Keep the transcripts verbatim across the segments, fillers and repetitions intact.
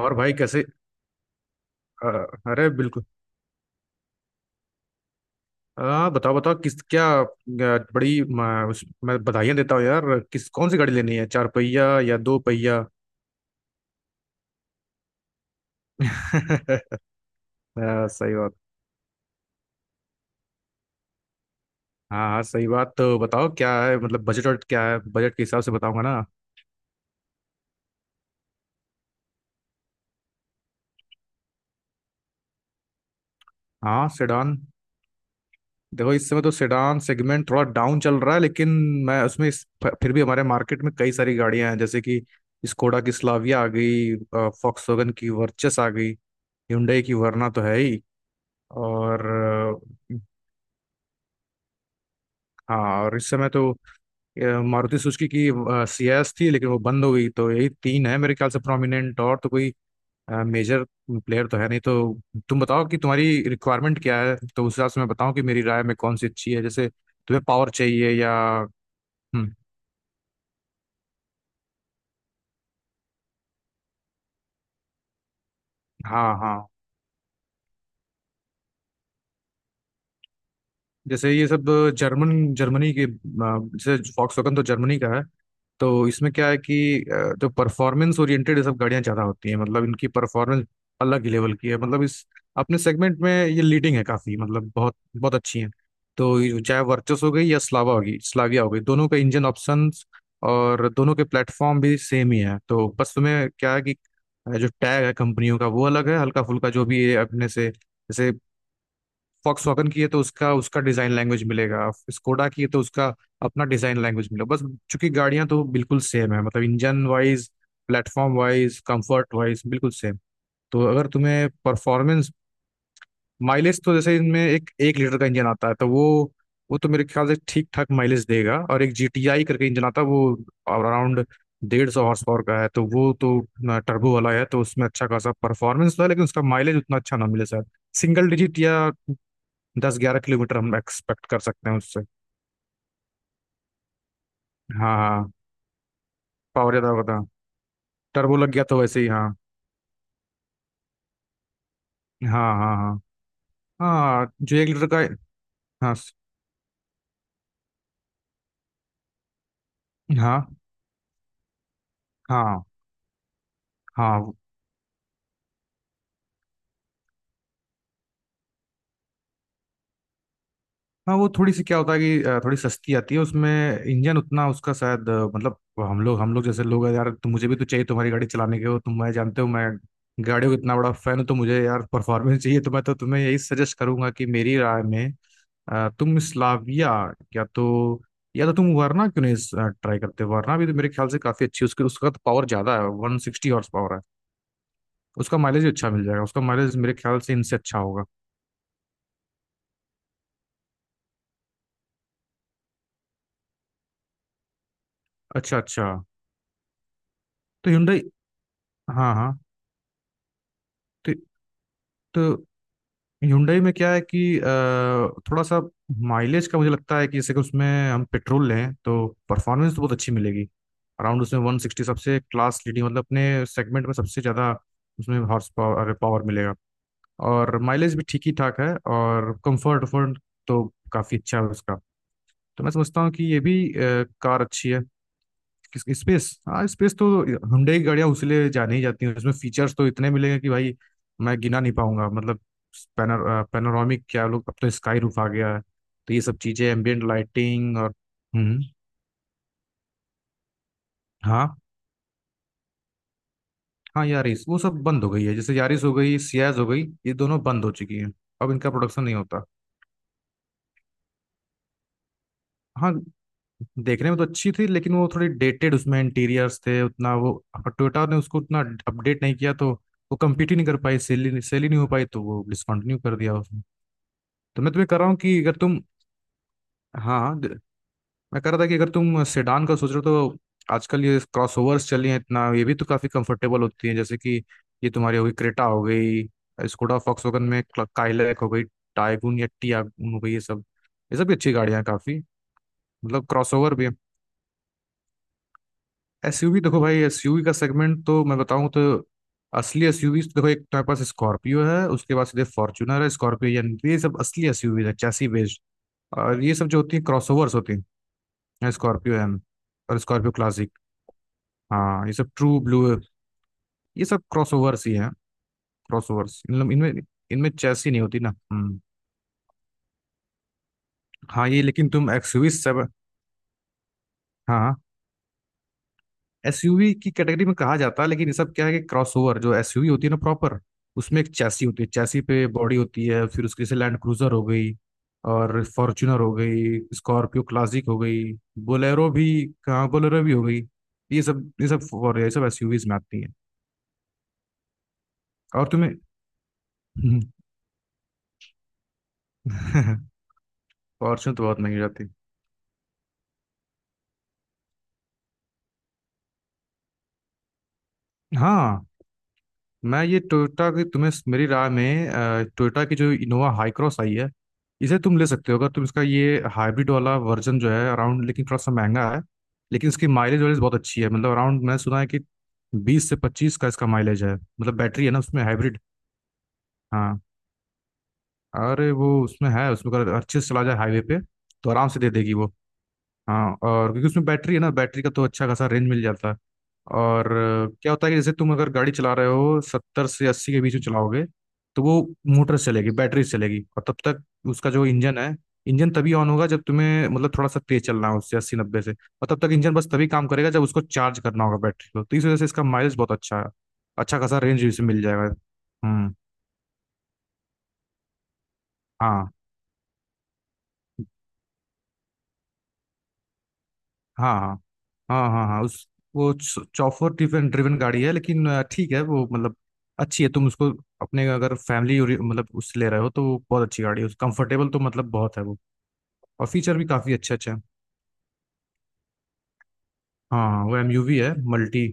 और भाई कैसे। अ, अरे बिल्कुल। आ, बताओ बताओ किस क्या अ, बड़ी म, उस, मैं बधाइयाँ देता हूँ यार, किस कौन सी गाड़ी लेनी है, चार पहिया या दो पहिया? अ, सही बात। हाँ हाँ, सही बात। तो बताओ क्या है, मतलब बजट, और क्या है, बजट के हिसाब से बताऊंगा ना। हाँ सेडान। देखो इस समय तो सेडान सेगमेंट थोड़ा डाउन चल रहा है, लेकिन मैं उसमें इस- फिर भी हमारे मार्केट में कई सारी गाड़ियां हैं, जैसे कि स्कोडा की स्लाविया आ गई, फॉक्सवैगन की वर्चस आ गई, Hyundai की वरना तो है ही, और अ, हाँ, और इस समय तो अ, मारुति सुजुकी की सीएस थी, लेकिन वो बंद हो गई। तो यही तीन है मेरे ख्याल से प्रोमिनेंट, और तो कोई मेजर प्लेयर तो है नहीं। तो तुम बताओ कि तुम्हारी रिक्वायरमेंट क्या है, तो उस हिसाब से मैं बताऊं कि मेरी राय में कौन सी अच्छी है। जैसे तुम्हें पावर चाहिए या... हम्म। हाँ हाँ, जैसे ये सब जर्मन, जर्मनी के अ, जैसे फॉक्सवैगन तो जर्मनी का है। तो इसमें क्या है कि अ, जो परफॉर्मेंस ओरिएंटेड ये सब गाड़ियां ज्यादा होती हैं, मतलब इनकी परफॉर्मेंस अलग ही लेवल की है। मतलब इस अपने सेगमेंट में ये लीडिंग है काफी, मतलब बहुत बहुत अच्छी है। तो ये चाहे वर्चस हो गई या स्लावा होगी स्लाविया हो गई, दोनों का इंजन ऑप्शंस और दोनों के प्लेटफॉर्म भी सेम ही है। तो बस तुम्हें क्या है कि अ, जो टैग है कंपनियों का वो अलग है, हल्का फुल्का। जो भी ये अपने से, जैसे वॉक्सवैगन की है तो उसका उसका डिजाइन लैंग्वेज मिलेगा, स्कोडा की है तो उसका अपना डिजाइन लैंग्वेज मिलेगा। बस, चूंकि गाड़ियां तो बिल्कुल सेम है, मतलब engine wise, platform wise, comfort wise बिल्कुल सेम। तो अगर तुम्हें परफॉर्मेंस... माइलेज तो जैसे इनमें एक एक लीटर का इंजन आता है तो वो वो तो मेरे ख्याल से ठीक ठाक माइलेज देगा, और एक जी टी आई करके इंजन आता है, वो अराउंड डेढ़ सौ हॉर्स पावर का है तो वो तो टर्बो वाला है, तो उसमें अच्छा खासा परफॉर्मेंस तो है, लेकिन उसका माइलेज उतना अच्छा ना मिले शायद। सिंगल डिजिट या दस ग्यारह किलोमीटर हम एक्सपेक्ट कर सकते हैं उससे। हाँ हाँ, पावर ज्यादा होगा था, टर्बो लग गया तो वैसे ही। हाँ हाँ हाँ हाँ। हाँ हाँ, जो एक लीटर का हाँ स- हाँ हाँ हाँ हाँ, वो थोड़ी सी क्या होता है कि अ, थोड़ी सस्ती आती है उसमें, इंजन उतना उसका शायद अ, मतलब हम लोग हम लोग जैसे लोग हैं यार, तो मुझे भी तो चाहिए, तुम्हारी गाड़ी चलाने के हो तुम, मैं जानते हो मैं गाड़ियों का इतना बड़ा फैन हूँ, तो मुझे यार परफॉर्मेंस चाहिए। तो मैं तो तुम्हें यही सजेस्ट करूंगा कि मेरी राय में अ, तुम स्लाविया, या तो या तो तुम वरना क्यों नहीं ट्राई करते, वरना भी तो मेरे ख्याल से काफी अच्छी है। उसके उसका तो पावर ज्यादा है, वन सिक्सटी हॉर्स पावर है। उसका माइलेज भी अच्छा मिल जाएगा, उसका माइलेज मेरे ख्याल से इनसे अच्छा होगा। अच्छा अच्छा। तो Hyundai, हाँ हाँ। तो तो Hyundai में क्या है कि अ, थोड़ा सा माइलेज का मुझे लगता है कि, जैसे कि उसमें हम पेट्रोल लें तो परफॉर्मेंस तो बहुत अच्छी मिलेगी, अराउंड उसमें वन सिक्सटी सबसे क्लास लीडिंग, मतलब अपने सेगमेंट में सबसे ज़्यादा उसमें हॉर्स पावर पावर मिलेगा, और माइलेज भी ठीक ही ठाक है, और कंफर्ट वर्ट तो काफ़ी अच्छा है उसका। तो मैं समझता हूँ कि ये भी अ, कार अच्छी है। स्पेस, हाँ स्पेस तो Hyundai की गाड़ियां उसीलिए जानी ही जाती हैं, उसमें फीचर्स तो इतने मिलेंगे कि भाई मैं गिना नहीं पाऊंगा। मतलब पैनर पैनोरामिक क्या लोग, अब तो स्काई रूफ आ गया है। तो ये सब चीजें, एम्बियंट लाइटिंग और... हम्म हम्म। हाँ, हाँ यारिस, वो सब बंद हो गई है, जैसे यारिस हो गई, सियाज हो गई, ये दोनों बंद हो चुकी हैं, अब इनका प्रोडक्शन नहीं होता। हाँ, देखने में तो अच्छी थी, लेकिन वो थोड़ी डेटेड उसमें इंटीरियर्स थे, उतना वो टोयोटा ने उसको उतना अपडेट नहीं किया, तो वो कम्पीट ही नहीं कर पाई, सेल ही सेल ही नहीं हो पाई, तो वो डिसकंटिन्यू कर दिया उसने। तो मैं तुम्हें कह रहा हूँ कि अगर तुम... हाँ हाँ, द- मैं कह रहा था कि अगर तुम सेडान का सोच रहे हो, तो आजकल ये क्रॉसओवर्स चली हैं इतना, ये भी तो काफ़ी कंफर्टेबल होती हैं, जैसे कि ये तुम्हारी हो गई, क्रेटा हो गई, स्कोडा फॉक्सवैगन में काइलैक हो गई, टाइगुन या टियागुन हो गई, ये सब, ये सब भी अच्छी गाड़ियाँ हैं काफ़ी। मतलब क्रॉसओवर भी... एसयूवी, देखो भाई एसयूवी का सेगमेंट तो मैं बताऊं तो असली एसयूवी देखो, एक तुम्हारे पास स्कॉर्पियो है, उसके बाद सीधे फॉर्च्यूनर है, स्कॉर्पियो एन, ये सब असली एसयूवी है, चैसी बेस्ड, और ये सब जो होती है क्रॉसओवर्स होती हैं। स्कॉर्पियो एन और स्कॉर्पियो क्लासिक। हाँ ये सब ट्रू ब्लू, ये सब क्रॉसओवर्स ही हैं। क्रॉसओवर्स, इनमें इनमें इनमें चैसी नहीं होती ना। हम्म। हाँ, ये लेकिन तुम एक्सयूवी सेवन... हाँ एसयूवी की कैटेगरी में कहा जाता है, लेकिन ये सब क्या है कि क्रॉसओवर, जो एसयूवी होती है ना प्रॉपर, उसमें एक चैसी होती है, चैसी पे बॉडी होती है। फिर उसके से लैंड क्रूजर हो गई, और फॉर्च्यूनर हो गई, स्कॉर्पियो क्लासिक हो गई, बोलेरो भी... कहाँ बोलेरो भी हो गई, ये सब, ये सब, और ये सब एसयूवीज में आती है। और तुम्हें फॉर्च्यूनर तो बहुत महंगी हो जाती है। हाँ, मैं ये टोयोटा की तुम्हें मेरी राय में अ, टोयोटा की जो इनोवा हाई क्रॉस आई है, इसे तुम ले सकते हो अगर तुम। इसका ये हाइब्रिड वाला वर्जन जो है अराउंड, लेकिन थोड़ा सा महंगा है, लेकिन इसकी माइलेज वाइलेज बहुत अच्छी है, मतलब अराउंड, मैंने सुना है कि बीस से पच्चीस का इसका माइलेज है, मतलब बैटरी है ना उसमें, हाइब्रिड। हाँ, अरे वो उसमें है, उसमें अगर अच्छे से चला जाए हाईवे पे तो आराम से दे देगी वो। हाँ, और क्योंकि उसमें बैटरी है ना, बैटरी का तो अच्छा खासा रेंज मिल जाता है, और अ, क्या होता है कि जैसे तुम अगर गाड़ी चला रहे हो सत्तर से अस्सी के बीच में चलाओगे, तो वो मोटर से चलेगी, बैटरी से चलेगी, और तब तक उसका जो इंजन है, इंजन तभी ऑन होगा जब तुम्हें मतलब थोड़ा सा तेज चलना हो उससे, अस्सी नब्बे से, और तब तक इंजन बस तभी काम करेगा जब उसको चार्ज करना होगा, बैटरी को। तो इस वजह से इसका माइलेज बहुत अच्छा है, अच्छा खासा रेंज इसे मिल जाएगा। हम्म, हाँ हाँ हाँ हाँ, हाँ हाँ उस वो चौफर ड्रिवन ड्रिवन गाड़ी है, लेकिन अ, ठीक है वो, मतलब अच्छी है। तुम उसको अपने अगर फैमिली मतलब उससे ले रहे हो तो वो बहुत अच्छी गाड़ी है, कंफर्टेबल तो मतलब बहुत है वो, और फीचर भी काफ़ी अच्छे अच्छे हैं। हाँ हाँ वो एमयूवी है, मल्टी...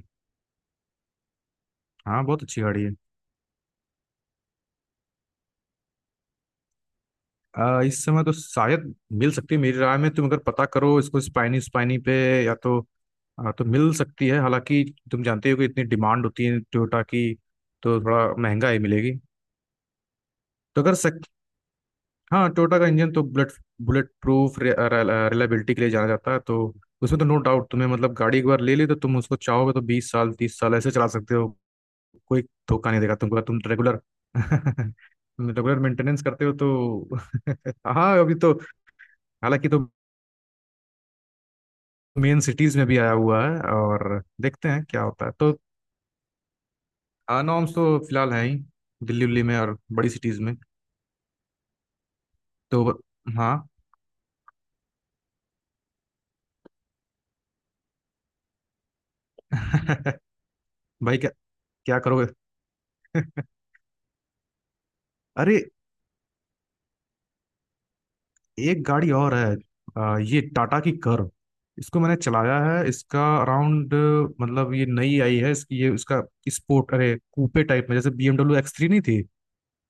हाँ बहुत अच्छी गाड़ी है। अ, इस समय तो शायद मिल सकती है, मेरी राय में तुम अगर पता करो, इसको स्पाइनी स्पाइनी पे, या तो अ, तो मिल सकती है, हालांकि तुम जानते हो कि इतनी डिमांड होती है टोयोटा की, तो थोड़ा महंगा ही मिलेगी। तो अगर सक, हाँ, टोयोटा का इंजन तो बुलेट बुलेट प्रूफ रिलायबिलिटी के लिए जाना जाता है, तो उसमें तो नो डाउट, तुम्हें मतलब गाड़ी एक बार ले ली तो तुम उसको चाहोगे तो बीस साल तीस साल ऐसे चला सकते हो, कोई धोखा नहीं देगा तुमको। तुम रेगुलर रेगुलर मेंटेनेंस करते हो तो हाँ, अभी तो हालांकि तो मेन सिटीज में भी आया हुआ है, और देखते हैं क्या होता है। तो नॉर्म्स तो फिलहाल है ही दिल्ली उल्ली में और बड़ी सिटीज में तो। हाँ भाई क्या क्या करोगे? अरे एक गाड़ी और है, अ, ये टाटा की कर्व, इसको मैंने चलाया है। इसका अराउंड, मतलब ये नई आई है इसकी, ये उसका स्पोर्ट, अरे कूपे टाइप में, जैसे BMW एक्स थ्री नहीं थी,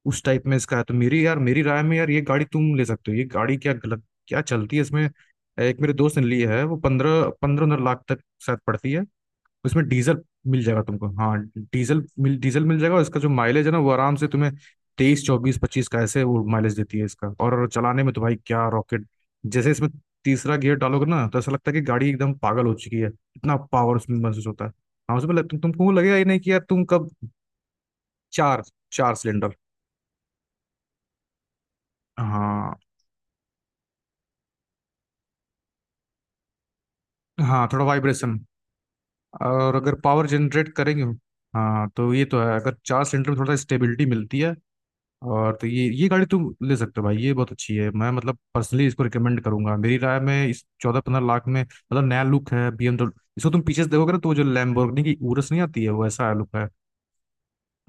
उस टाइप में इसका है। तो मेरी यार मेरी राय में यार ये गाड़ी तुम ले सकते हो, ये गाड़ी क्या गलत, क्या चलती है इसमें। एक मेरे दोस्त ने ली है, वो पंद्रह पंद्रह लाख तक शायद पड़ती है। उसमें डीजल मिल जाएगा तुमको, हाँ डीजल मिल डीजल मिल जाएगा, और इसका जो माइलेज है ना वो आराम से तुम्हें तेईस चौबीस पच्चीस का ऐसे वो माइलेज देती है इसका। और चलाने में तो भाई क्या रॉकेट! जैसे इसमें तीसरा गियर डालोगे ना तो ऐसा लगता है कि गाड़ी एकदम पागल हो चुकी है, इतना पावर उसमें महसूस होता है। हाँ उसमें लग, तुम, तुमको लगेगा ये नहीं कि यार तुम कब... चार, चार सिलेंडर। हाँ हाँ थोड़ा वाइब्रेशन, और अगर पावर जनरेट करेंगे, हाँ तो ये तो है, अगर चार सिलेंडर में थोड़ा स्टेबिलिटी मिलती है। और तो ये ये गाड़ी तुम ले सकते हो भाई, ये बहुत अच्छी है, मैं मतलब पर्सनली इसको रिकमेंड करूंगा मेरी राय में, इस चौदह पंद्रह लाख में, मतलब नया लुक है B M W। इसको तुम पीछे से देखोगे ना तो वो जो लैम्बोर्गिनी की उरस नहीं आती है, वो ऐसा लुक है।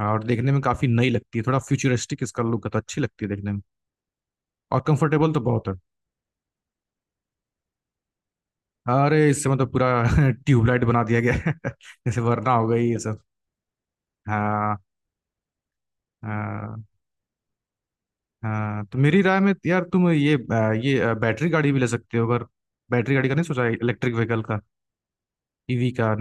हाँ, और देखने में काफी नई लगती है, थोड़ा फ्यूचरिस्टिक इसका लुक है, तो अच्छी लगती है देखने में, और कंफर्टेबल तो बहुत है। अरे इससे मतलब पूरा ट्यूबलाइट बना दिया गया है जैसे वरना हो गई ये सब। हाँ हाँ हाँ। तो मेरी राय में यार तुम ये अ, ये अ, बैटरी गाड़ी भी ले सकते हो अगर, बैटरी गाड़ी का नहीं सोचा? इलेक्ट्रिक व्हीकल का, ईवी कार।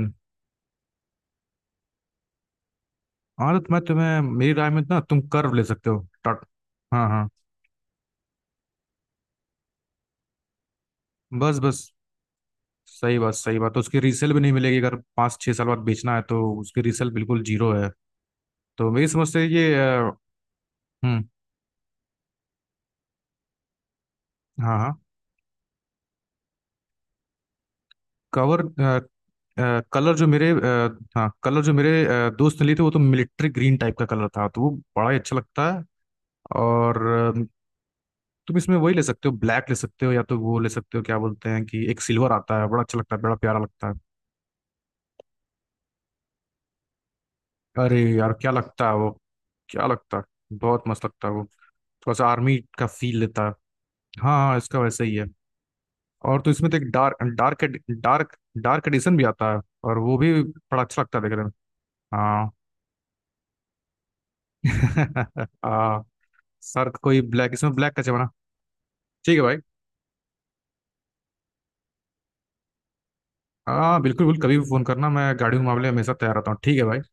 हाँ तो मैं तुम्हें मेरी राय में ना तुम कर्व ले सकते हो। टट। हाँ हाँ। बस बस, सही बात, सही बात, तो उसकी रीसेल भी नहीं मिलेगी, अगर पाँच छः साल बाद बेचना है तो उसकी रीसेल बिल्कुल जीरो है। तो मेरी समझ से ये अ, हम्म, हाँ हाँ, कवर अ, अ, कलर जो मेरे अ, हाँ कलर जो मेरे अ, दोस्त ने लिए थे, वो तो मिलिट्री ग्रीन टाइप का कलर था, तो वो बड़ा ही अच्छा लगता है। और अ, तुम इसमें वही ले सकते हो, ब्लैक ले सकते हो, या तो वो ले सकते हो, क्या बोलते हैं कि एक सिल्वर आता है, बड़ा अच्छा लगता है, बड़ा प्यारा लगता है। अरे यार क्या लगता है वो, क्या लगता है, बहुत मस्त लगता है वो, थोड़ा सा आर्मी का फील लेता है। हाँ हाँ इसका वैसा ही है। और तो इसमें तो एक dark dark dark dark edition भी आता है, और वो भी बड़ा अच्छा लगता है देखने में। हाँ हाँ। सर कोई ब्लैक, इसमें ब्लैक का जमाना। ठीक है भाई। हाँ बिल्कुल बिल्कुल, कभी भी फोन करना, मैं गाड़ियों के मामले में हमेशा तैयार रहता हूँ। ठीक है भाई।